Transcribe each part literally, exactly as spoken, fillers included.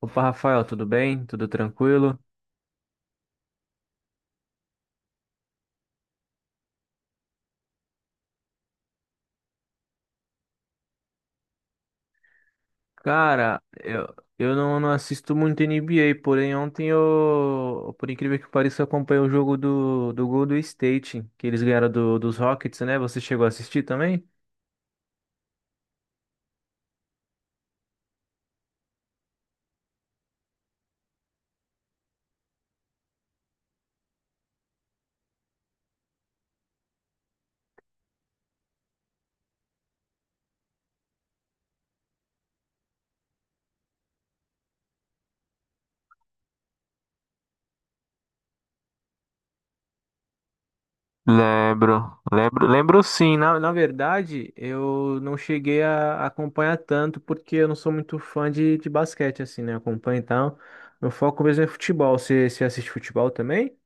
Opa, Rafael, tudo bem? Tudo tranquilo? Cara, eu, eu não, não assisto muito N B A, porém ontem eu, por incrível que pareça, eu acompanhei o jogo do, do Golden State, que eles ganharam do, dos Rockets, né? Você chegou a assistir também? Lembro, lembro, lembro sim. Na, na verdade, eu não cheguei a acompanhar tanto porque eu não sou muito fã de, de basquete, assim, né? Eu acompanho e tal. Meu foco mesmo é futebol. Você, você assiste futebol também?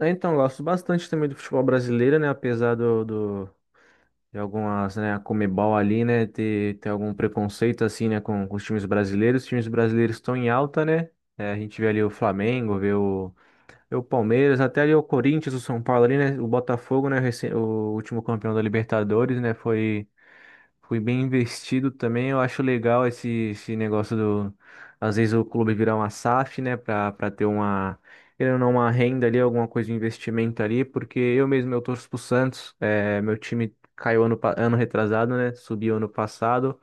É, então, gosto bastante também do futebol brasileiro, né? Apesar do, do- de algumas, né, a Comebol ali, né, ter, ter algum preconceito assim, né, com, com os times brasileiros. Os times brasileiros estão em alta, né? É, a gente vê ali o Flamengo, vê o, vê o Palmeiras, até ali o Corinthians, o São Paulo ali, né? O Botafogo, né? recém- O último campeão da Libertadores, né? Foi. Fui bem investido também. Eu acho legal esse, esse negócio do. Às vezes o clube virar uma SAF, né? Pra, pra ter uma. Querendo ou não, uma renda ali, alguma coisa de investimento ali. Porque eu mesmo, eu torço pro Santos. É, meu time caiu ano, pa- ano retrasado, né? Subiu ano passado.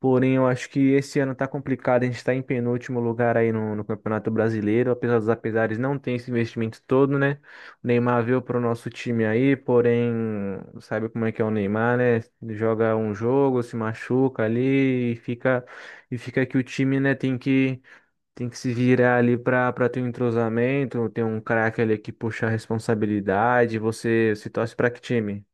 Porém, eu acho que esse ano tá complicado. A gente tá em penúltimo lugar aí no, no Campeonato Brasileiro. Apesar dos apesares, não tem esse investimento todo, né? O Neymar veio pro nosso time aí, porém, sabe como é que é o Neymar, né? Joga um jogo, se machuca ali e fica, e fica que o time, né, tem que, tem que se virar ali pra, pra ter um entrosamento, ter um craque ali que puxa a responsabilidade. Você se torce pra que time?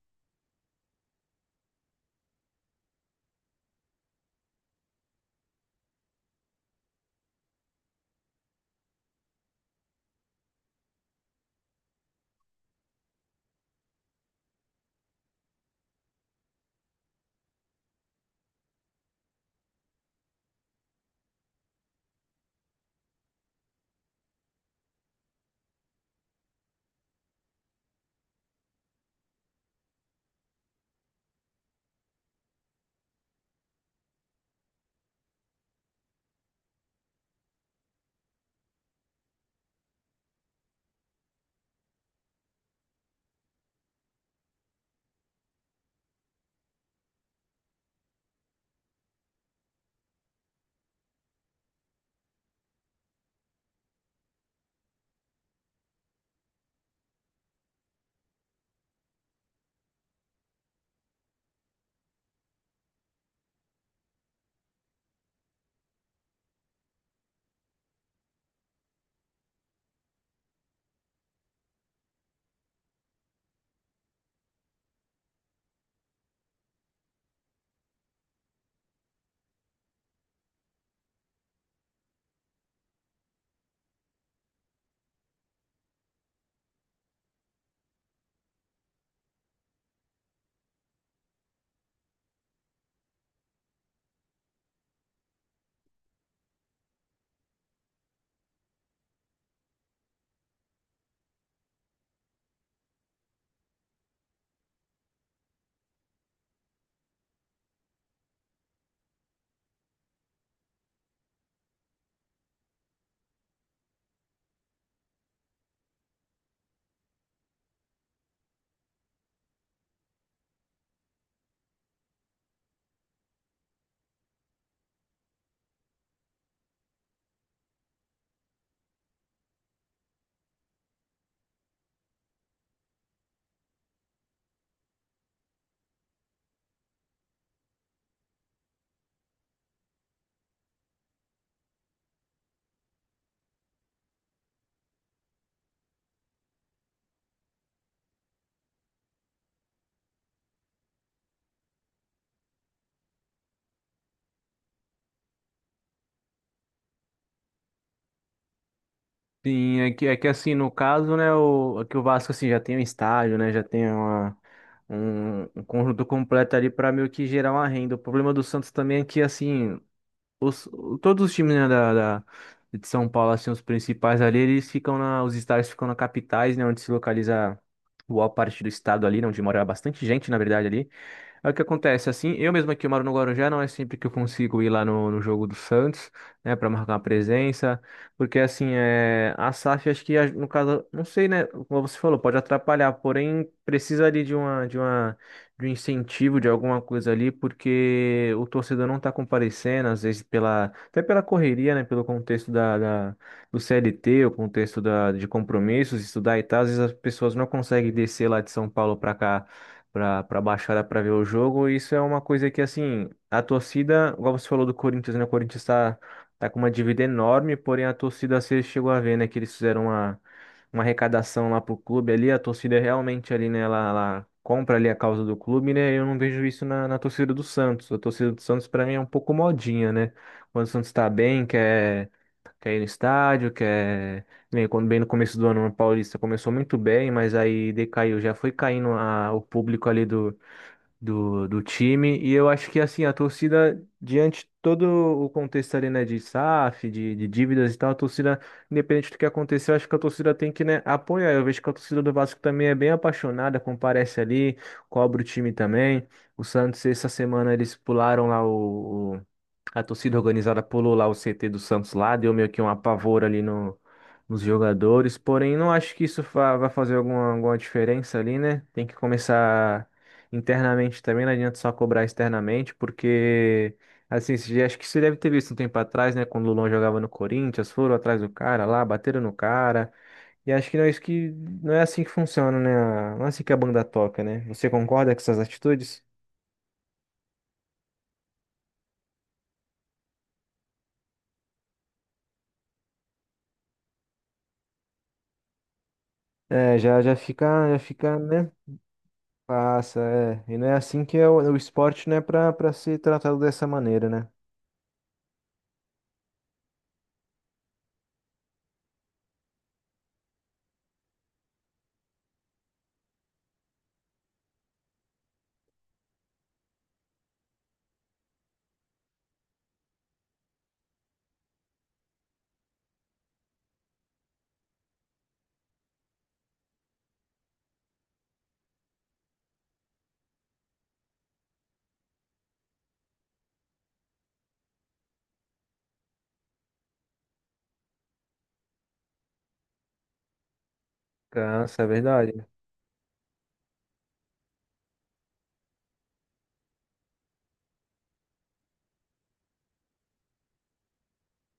Sim, é que, é que assim, no caso, né, o, é que o Vasco assim, já tem um estádio, né, já tem uma, um, um conjunto completo ali para meio que gerar uma renda. O problema do Santos também é que, assim, os, o- todos os times, né, da, da- de São Paulo, assim, os principais ali, eles ficam na, os estádios ficam na capitais, né, onde se localiza boa parte do estado ali, né, onde mora bastante gente, na verdade, ali. É o que acontece, assim, eu mesmo aqui eu moro no Guarujá, não é sempre que eu consigo ir lá no, no jogo do Santos, né, pra marcar uma presença, porque assim, é, a SAF acho que, a- no caso, não sei, né, como você falou, pode atrapalhar, porém precisa ali de uma, de uma, de um incentivo, de alguma coisa ali, porque o torcedor não tá comparecendo, às vezes pela, até pela correria, né, pelo contexto da, da- do C L T, o contexto da, de compromissos, estudar e tal, às vezes as pessoas não conseguem descer lá de São Paulo pra cá para para baixada para ver o jogo. Isso é uma coisa que, assim, a torcida, igual você falou do Corinthians, né? O Corinthians está tá tá com uma dívida enorme, porém a torcida, você chegou a ver, né, que eles fizeram uma, uma arrecadação lá pro clube ali. A torcida é realmente ali, né, ela, ela compra ali a causa do clube, né? Eu não vejo isso na, na torcida do Santos. A torcida do Santos, para mim, é um pouco modinha, né? Quando o Santos tá bem, quer, quer ir no estádio, quer né, quando bem no começo do ano, a Paulista começou muito bem, mas aí decaiu, já foi caindo a- o público ali do, do, do time. E eu acho que assim, a torcida, diante de todo o contexto ali, né, de SAF, de, de dívidas e tal, a torcida, independente do que aconteceu, acho que a torcida tem que, né, apoiar. Eu vejo que a torcida do Vasco também é bem apaixonada, comparece ali, cobra o time também. O Santos, essa semana, eles pularam lá a torcida organizada pulou lá o C T do Santos lá, deu meio que um apavoro ali no, nos jogadores, porém não acho que isso fa- vai fazer alguma, alguma diferença ali, né? Tem que começar internamente também, não adianta só cobrar externamente, porque, assim, você já- acho que você deve ter visto um tempo atrás, né, quando o Lulão jogava no Corinthians, foram atrás do cara lá, bateram no cara, e acho que não é isso que, não é assim que funciona, né? Não é assim que a banda toca, né? Você concorda com essas atitudes? É, já, já fica, já fica, né? Passa, é. E não é assim que é o, o esporte não é pra, pra ser tratado dessa maneira, né? Cansa, é verdade.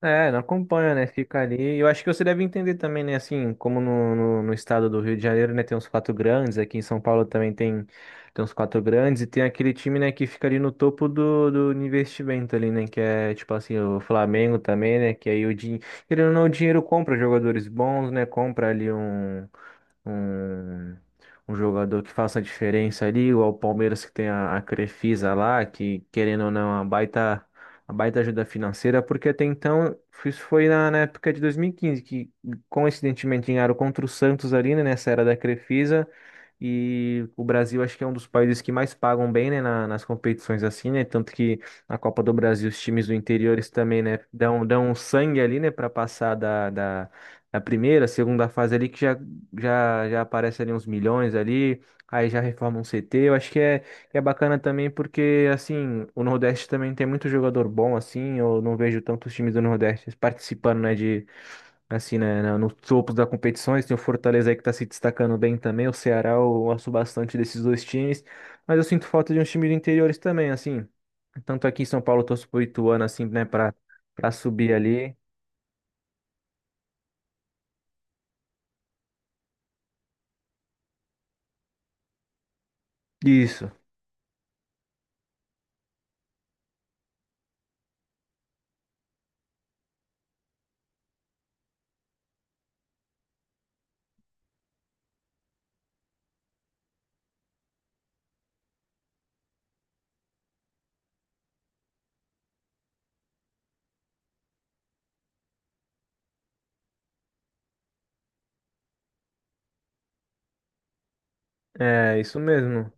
É, não acompanha, né? Fica ali. Eu acho que você deve entender também, né? Assim, como no, no, no estado do Rio de Janeiro, né? Tem uns quatro grandes. Aqui em São Paulo também tem, tem uns quatro grandes. E tem aquele time, né? Que fica ali no topo do, do investimento ali, né? Que é, tipo assim, o Flamengo também, né? Que aí o dinheiro... Querendo ou não, o dinheiro compra jogadores bons, né? Compra ali um... um, um jogador que faça a diferença ali, ou ao Palmeiras que tem a, a Crefisa lá, que querendo ou não, a baita, a baita ajuda financeira, porque até então, isso foi na, na época de dois mil e quinze, que coincidentemente ganharam contra o Santos ali, né, nessa era da Crefisa, e o Brasil acho que é um dos países que mais pagam bem, né, na- nas competições assim, né, tanto que na Copa do Brasil os times do interior eles também, né, dão, dão um sangue ali, né, para passar da, da- a primeira, a segunda fase ali que já já, já aparece ali uns milhões ali, aí já reforma um C T. Eu acho que é, que é bacana também porque, assim, o Nordeste também tem muito jogador bom, assim, eu não vejo tantos times do Nordeste participando, né, de, assim, né, na- nos topos das competições. Tem o Fortaleza aí que tá se destacando bem também, o Ceará, eu gosto bastante desses dois times, mas eu sinto falta de uns times do interiores também, assim. Tanto aqui em São Paulo, eu torço pro Ituano, assim, né, para para subir ali. Isso, é, isso mesmo.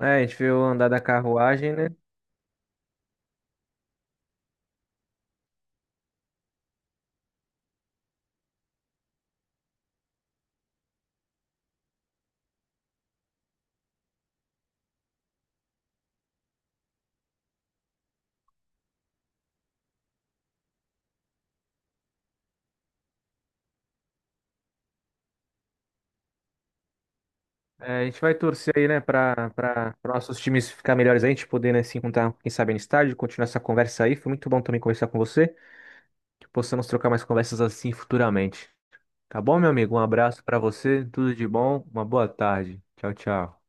É, a gente viu andar da carruagem, né? É, a gente vai torcer aí, né, para para nossos times ficar melhores aí, a gente poder, né, se encontrar, quem sabe, no estádio, continuar essa conversa aí. Foi muito bom também conversar com você, que possamos trocar mais conversas assim futuramente. Tá bom, meu amigo? Um abraço para você, tudo de bom, uma boa tarde. Tchau, tchau.